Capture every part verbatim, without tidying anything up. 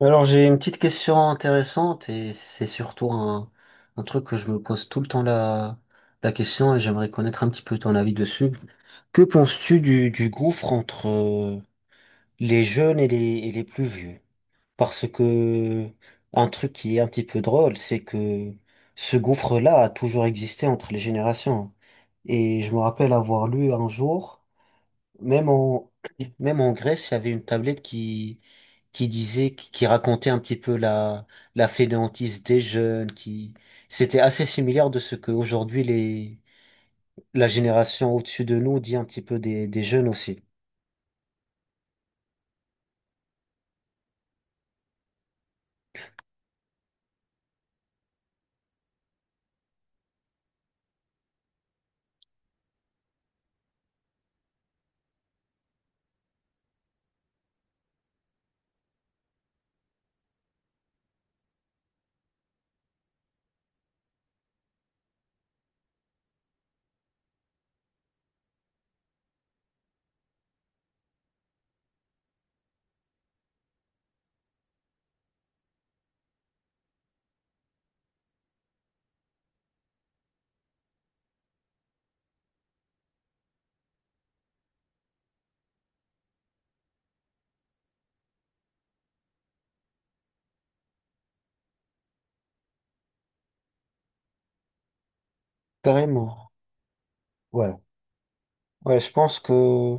Alors j'ai une petite question intéressante, et c'est surtout un, un truc que je me pose tout le temps la, la question, et j'aimerais connaître un petit peu ton avis dessus. Que penses-tu du, du gouffre entre euh, les jeunes et les, et les plus vieux? Parce que un truc qui est un petit peu drôle, c'est que ce gouffre-là a toujours existé entre les générations. Et je me rappelle avoir lu un jour, même en, même en Grèce, il y avait une tablette qui, qui disait, qui racontait un petit peu la, la fainéantise des jeunes, qui, c'était assez similaire de ce que aujourd'hui les, la génération au-dessus de nous dit un petit peu des, des jeunes aussi. Carrément. Ouais. Ouais, je pense que,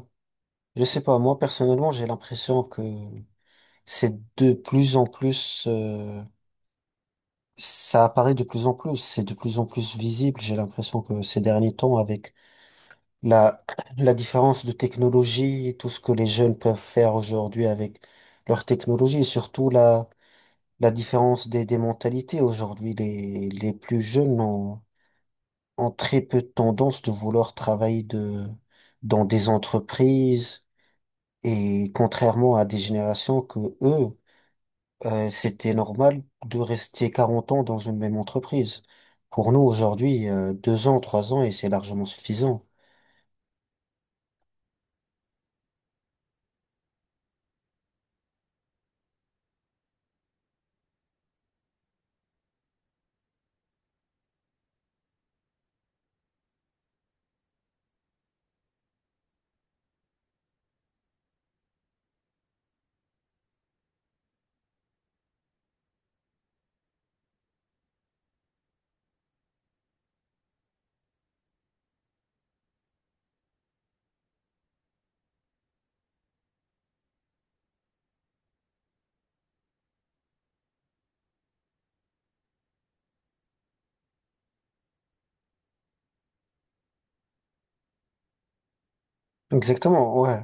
je sais pas, moi personnellement, j'ai l'impression que c'est de plus en plus, euh, ça apparaît de plus en plus, c'est de plus en plus visible. J'ai l'impression que ces derniers temps avec La, la différence de technologie, et tout ce que les jeunes peuvent faire aujourd'hui avec leur technologie, et surtout la, la différence des, des mentalités. Aujourd'hui, les, les plus jeunes ont, ont très peu de tendance de vouloir travailler de, dans des entreprises, et contrairement à des générations que eux, euh, c'était normal de rester quarante ans dans une même entreprise. Pour nous, aujourd'hui, euh, deux ans, trois ans, et c'est largement suffisant. Exactement, ouais.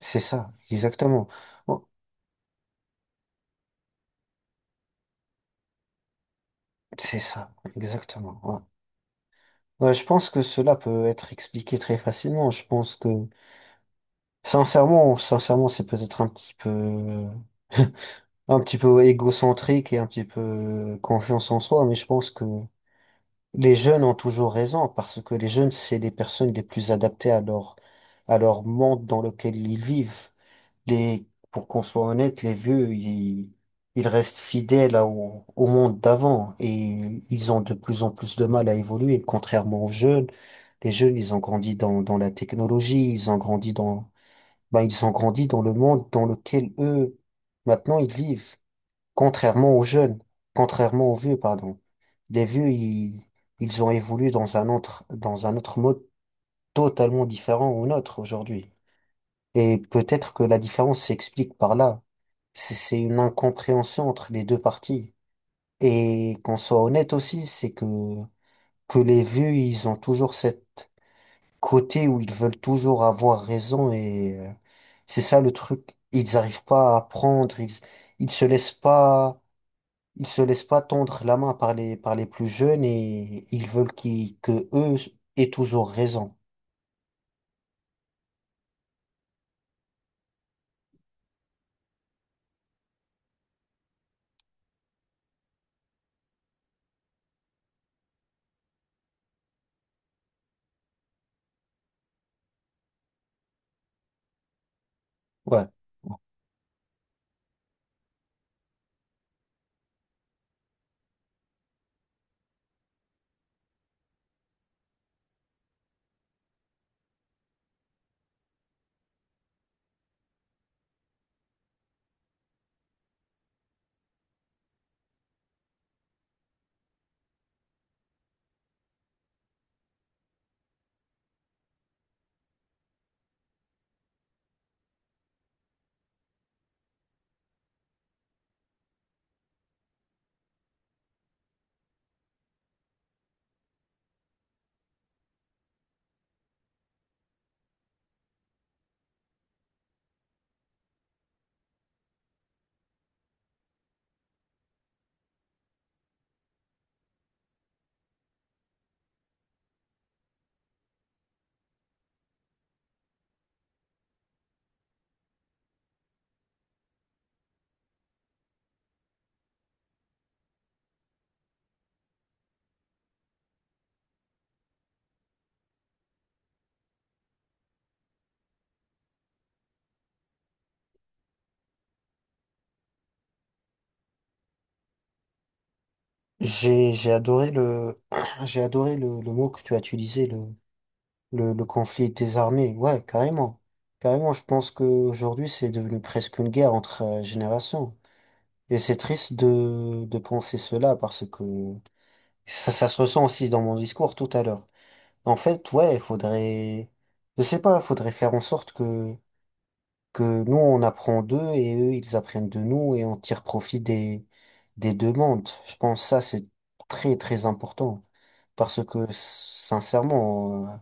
C'est ça, exactement. Bon, c'est ça, exactement. Ouais. Ouais, je pense que cela peut être expliqué très facilement. Je pense que, sincèrement, sincèrement, c'est peut-être un petit peu, un petit peu égocentrique, et un petit peu euh, confiance en soi, mais je pense que les jeunes ont toujours raison parce que les jeunes, c'est les personnes les plus adaptées à leur, à leur monde dans lequel ils vivent. Les, pour qu'on soit honnête, les vieux, ils, ils restent fidèles à- au, au monde d'avant, et ils ont de plus en plus de mal à évoluer, contrairement aux jeunes. Les jeunes, ils ont grandi dans, dans la technologie, ils ont grandi dans, ben, ils ont grandi dans le monde dans lequel eux, maintenant, ils vivent, contrairement aux jeunes, contrairement aux vieux, pardon. Les vieux, ils, ils ont évolué dans un autre, dans un autre mode totalement différent au nôtre aujourd'hui. Et peut-être que la différence s'explique par là. C'est c'est une incompréhension entre les deux parties. Et qu'on soit honnête aussi, c'est que, que les vieux, ils ont toujours cette côté où ils veulent toujours avoir raison, et euh, c'est ça le truc. Ils n'arrivent pas à apprendre, ils, ils se laissent pas, ils se laissent pas tendre la main par les, par les plus jeunes, et ils veulent qu'ils, que eux aient toujours raison. Ouais. J'ai, j'ai adoré le, j'ai adoré le, le mot que tu as utilisé, le Le, le conflit est désarmé, ouais, carrément. Carrément, je pense qu'aujourd'hui, c'est devenu presque une guerre entre euh, générations. Et c'est triste de, de penser cela parce que ça, ça se ressent aussi dans mon discours tout à l'heure. En fait, ouais, il faudrait, je sais pas, il faudrait faire en sorte que, que nous, on apprend d'eux, et eux, ils apprennent de nous, et on tire profit des, des deux mondes. Je pense que ça, c'est très, très important parce que, sincèrement, euh,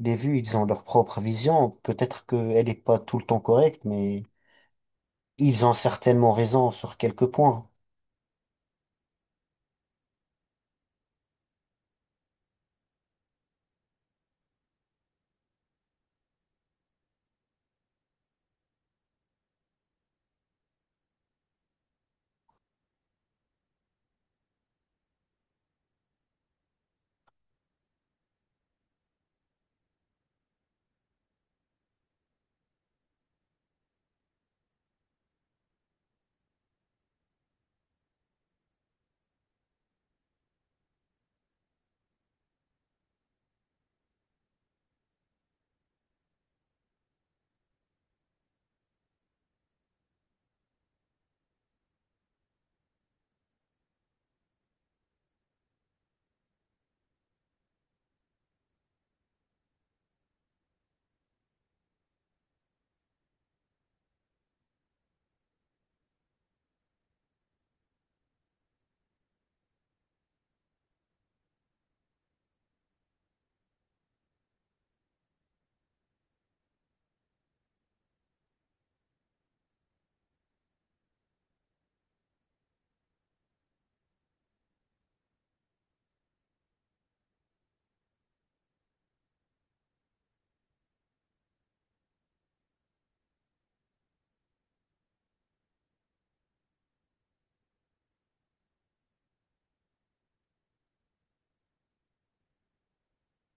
les vues, ils ont leur propre vision. Peut-être qu'elle n'est pas tout le temps correcte, mais ils ont certainement raison sur quelques points.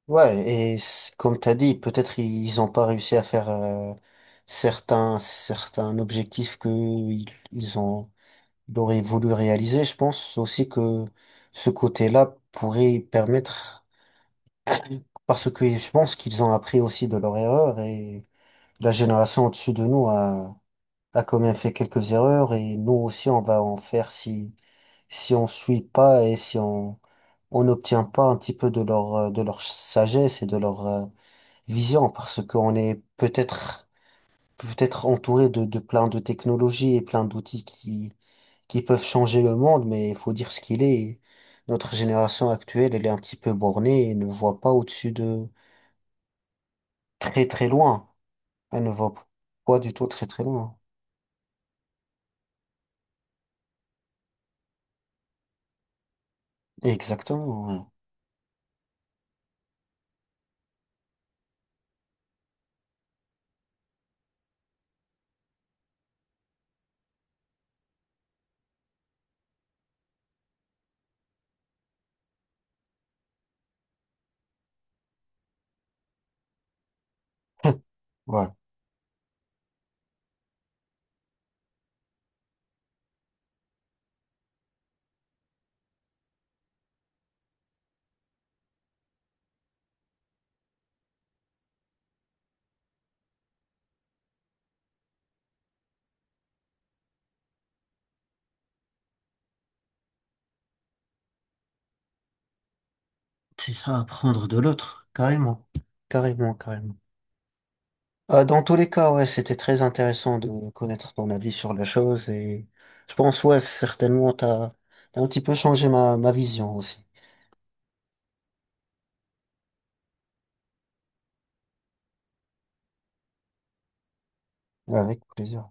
Ouais, et c- comme t'as dit, peut-être ils n'ont pas réussi à faire euh, certains, certains objectifs que ils, ils ont, ils auraient voulu réaliser. Je pense aussi que ce côté-là pourrait permettre, parce que je pense qu'ils ont appris aussi de leurs erreurs. Et la génération au-dessus de nous a, a quand même fait quelques erreurs, et nous aussi on va en faire si si on suit pas, et si on on n'obtient pas un petit peu de leur euh, de leur sagesse et de leur euh, vision, parce qu'on est peut-être peut-être entouré de de plein de technologies et plein d'outils qui qui peuvent changer le monde, mais il faut dire ce qu'il est, et notre génération actuelle, elle est un petit peu bornée et ne voit pas au-dessus de très très loin, elle ne voit pas du tout très très loin. Exactement, ouais. Ouais. C'est ça, apprendre de l'autre, carrément, carrément, carrément. Euh, dans tous les cas, ouais, c'était très intéressant de connaître ton avis sur la chose, et je pense, ouais, certainement, t'as, t'as un petit peu changé ma, ma vision aussi. Avec plaisir.